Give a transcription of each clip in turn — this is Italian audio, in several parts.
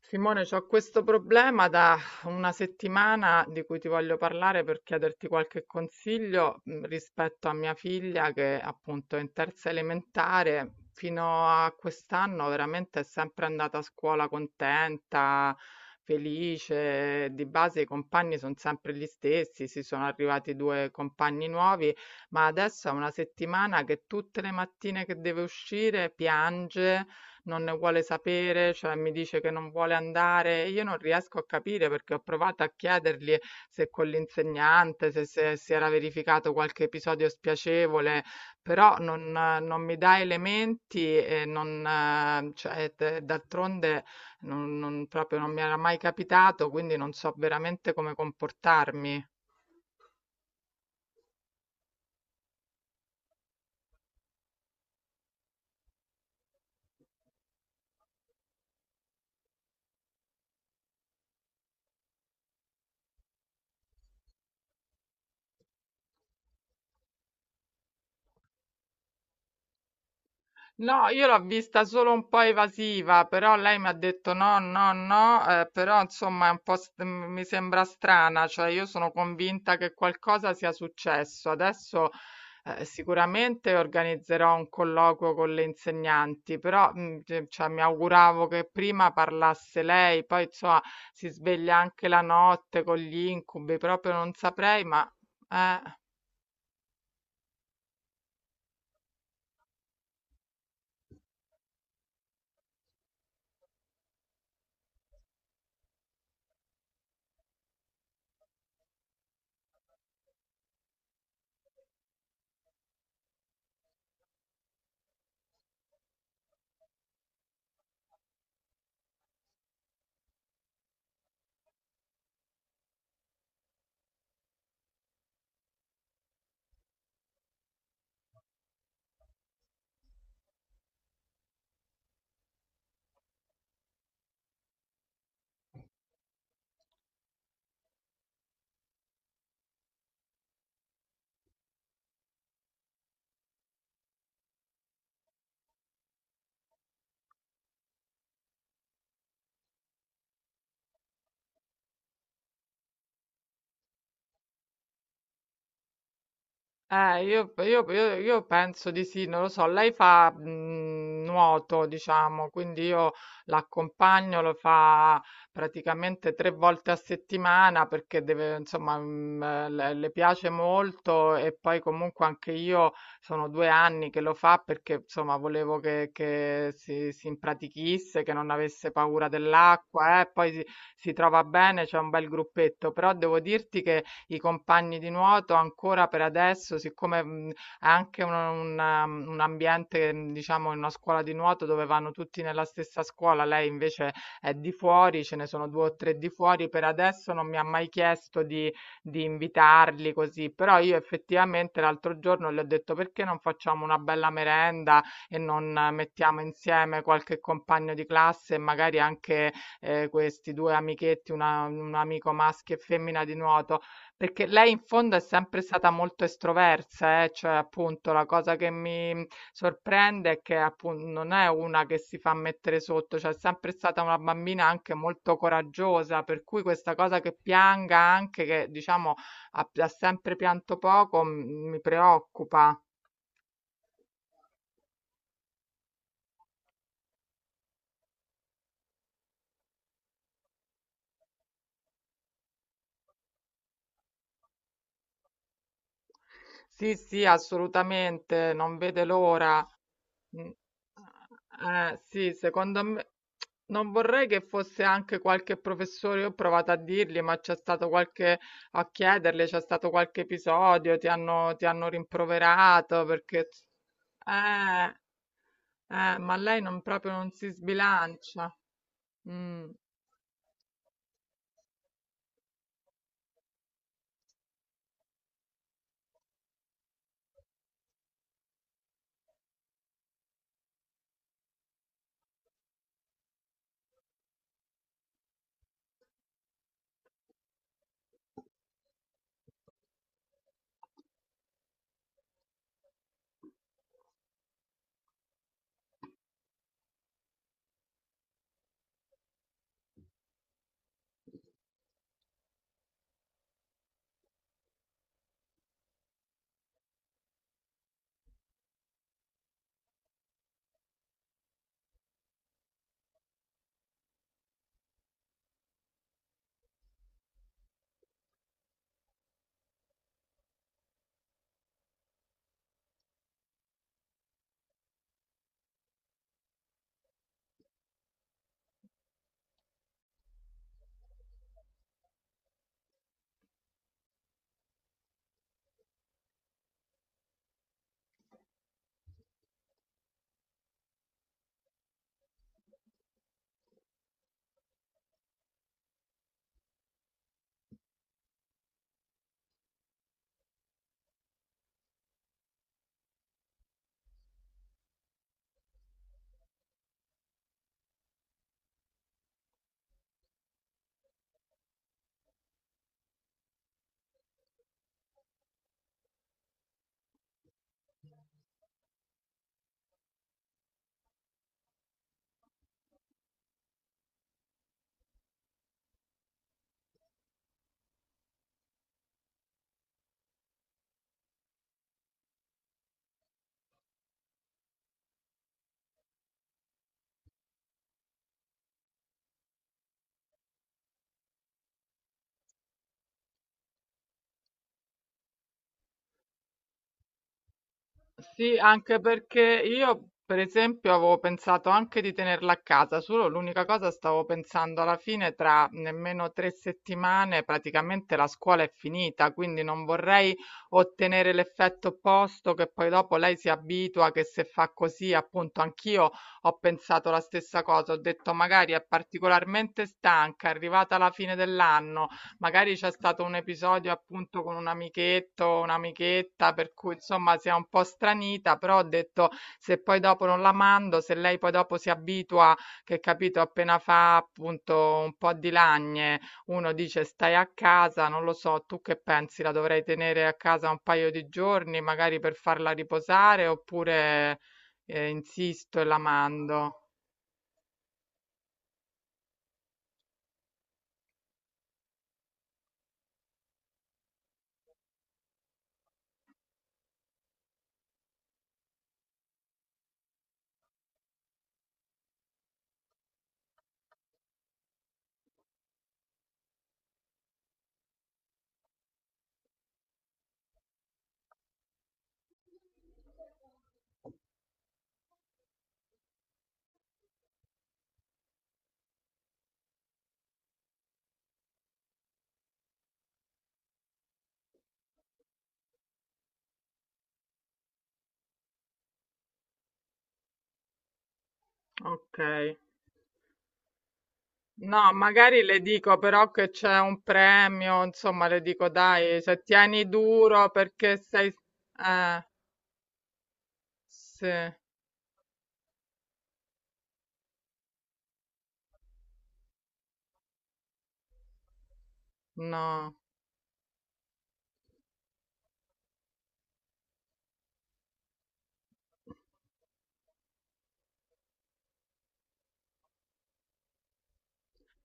Simone, ho questo problema da una settimana di cui ti voglio parlare per chiederti qualche consiglio rispetto a mia figlia che appunto è in terza elementare. Fino a quest'anno veramente è sempre andata a scuola contenta, felice. Di base i compagni sono sempre gli stessi, si sono arrivati due compagni nuovi, ma adesso è una settimana che tutte le mattine che deve uscire piange, non ne vuole sapere, cioè mi dice che non vuole andare. E io non riesco a capire perché ho provato a chiedergli se con l'insegnante, se si era verificato qualche episodio spiacevole, però non mi dà elementi e non, cioè, d'altronde proprio non mi era mai capitato, quindi non so veramente come comportarmi. No, io l'ho vista solo un po' evasiva, però lei mi ha detto no, no, no, però insomma è un po' mi sembra strana, cioè io sono convinta che qualcosa sia successo. Adesso sicuramente organizzerò un colloquio con le insegnanti, però cioè, mi auguravo che prima parlasse lei, poi insomma si sveglia anche la notte con gli incubi, proprio non saprei, ma eh. Io penso di sì, non lo so, lei fa nuoto, diciamo, quindi io l'accompagno, lo fa praticamente 3 volte a settimana perché deve, insomma, le piace molto e poi comunque anche io sono 2 anni che lo fa perché, insomma, volevo che, si impratichisse, che non avesse paura dell'acqua, poi si trova bene, c'è un bel gruppetto, però devo dirti che i compagni di nuoto ancora per adesso, siccome è anche un ambiente, diciamo, in una scuola di nuoto dove vanno tutti nella stessa scuola, lei invece è di fuori, ce ne sono due o tre di fuori, per adesso non mi ha mai chiesto di, invitarli così, però io effettivamente l'altro giorno le ho detto perché non facciamo una bella merenda e non, mettiamo insieme qualche compagno di classe e magari anche questi due amichetti, un amico maschio e femmina di nuoto, perché lei in fondo è sempre stata molto estroversa. Eh, Cioè, appunto, la cosa che mi sorprende è che appunto non è una che si fa mettere sotto, cioè è sempre stata una bambina anche molto coraggiosa, per cui questa cosa che pianga anche, che diciamo ha sempre pianto poco, mi preoccupa. Sì, sì, assolutamente, non vede l'ora. Mm. Sì, secondo me non vorrei che fosse anche qualche professore, io ho provato a dirgli, ma c'è stato qualche, a chiedergli, c'è stato qualche episodio, ti hanno rimproverato perché. Eh, ma lei non, proprio non si sbilancia. Mm. Sì, anche perché io, per esempio, avevo pensato anche di tenerla a casa, solo l'unica cosa, stavo pensando alla fine tra nemmeno 3 settimane praticamente la scuola è finita, quindi non vorrei ottenere l'effetto opposto che poi dopo lei si abitua, che se fa così. Appunto, anch'io ho pensato la stessa cosa, ho detto magari è particolarmente stanca, è arrivata alla fine dell'anno. Magari c'è stato un episodio appunto con un amichetto o un'amichetta per cui insomma si è un po' stranita, però ho detto, se poi dopo non la mando, se lei poi dopo si abitua, che capito, appena fa appunto un po' di lagne, uno dice stai a casa, non lo so, tu che pensi, la dovrei tenere a casa un paio di giorni, magari per farla riposare, oppure insisto e la mando. Ok. No, magari le dico però che c'è un premio, insomma, le dico dai, se tieni duro perché sei. Eh, sì, no.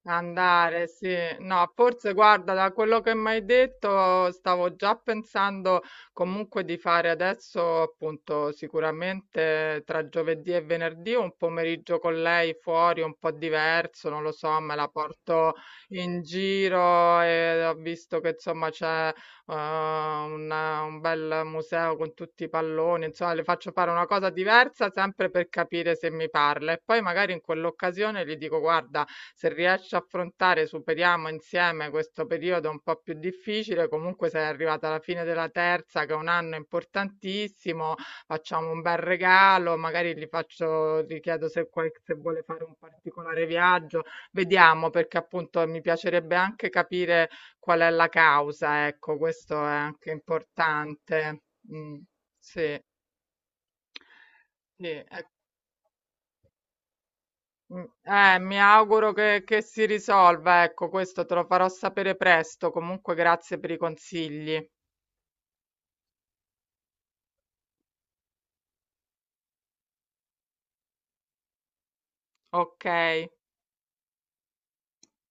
Andare, sì. No, forse guarda, da quello che mi hai detto, stavo già pensando comunque di fare adesso, appunto, sicuramente tra giovedì e venerdì un pomeriggio con lei fuori, un po' diverso, non lo so, me la porto in giro. E ho visto che insomma c'è un bel museo con tutti i palloni, insomma, le faccio fare una cosa diversa sempre per capire se mi parla e poi magari in quell'occasione gli dico, guarda, se riesci a affrontare, superiamo insieme questo periodo un po' più difficile, comunque sei arrivata alla fine della terza, che è un anno importantissimo, facciamo un bel regalo, magari gli faccio, gli chiedo se, se vuole fare un particolare viaggio, vediamo, perché appunto mi piacerebbe anche capire qual è la causa, ecco, questo è anche importante. Mm, sì, sì. Mi auguro che si risolva, ecco, questo te lo farò sapere presto. Comunque, grazie per i consigli. Ok.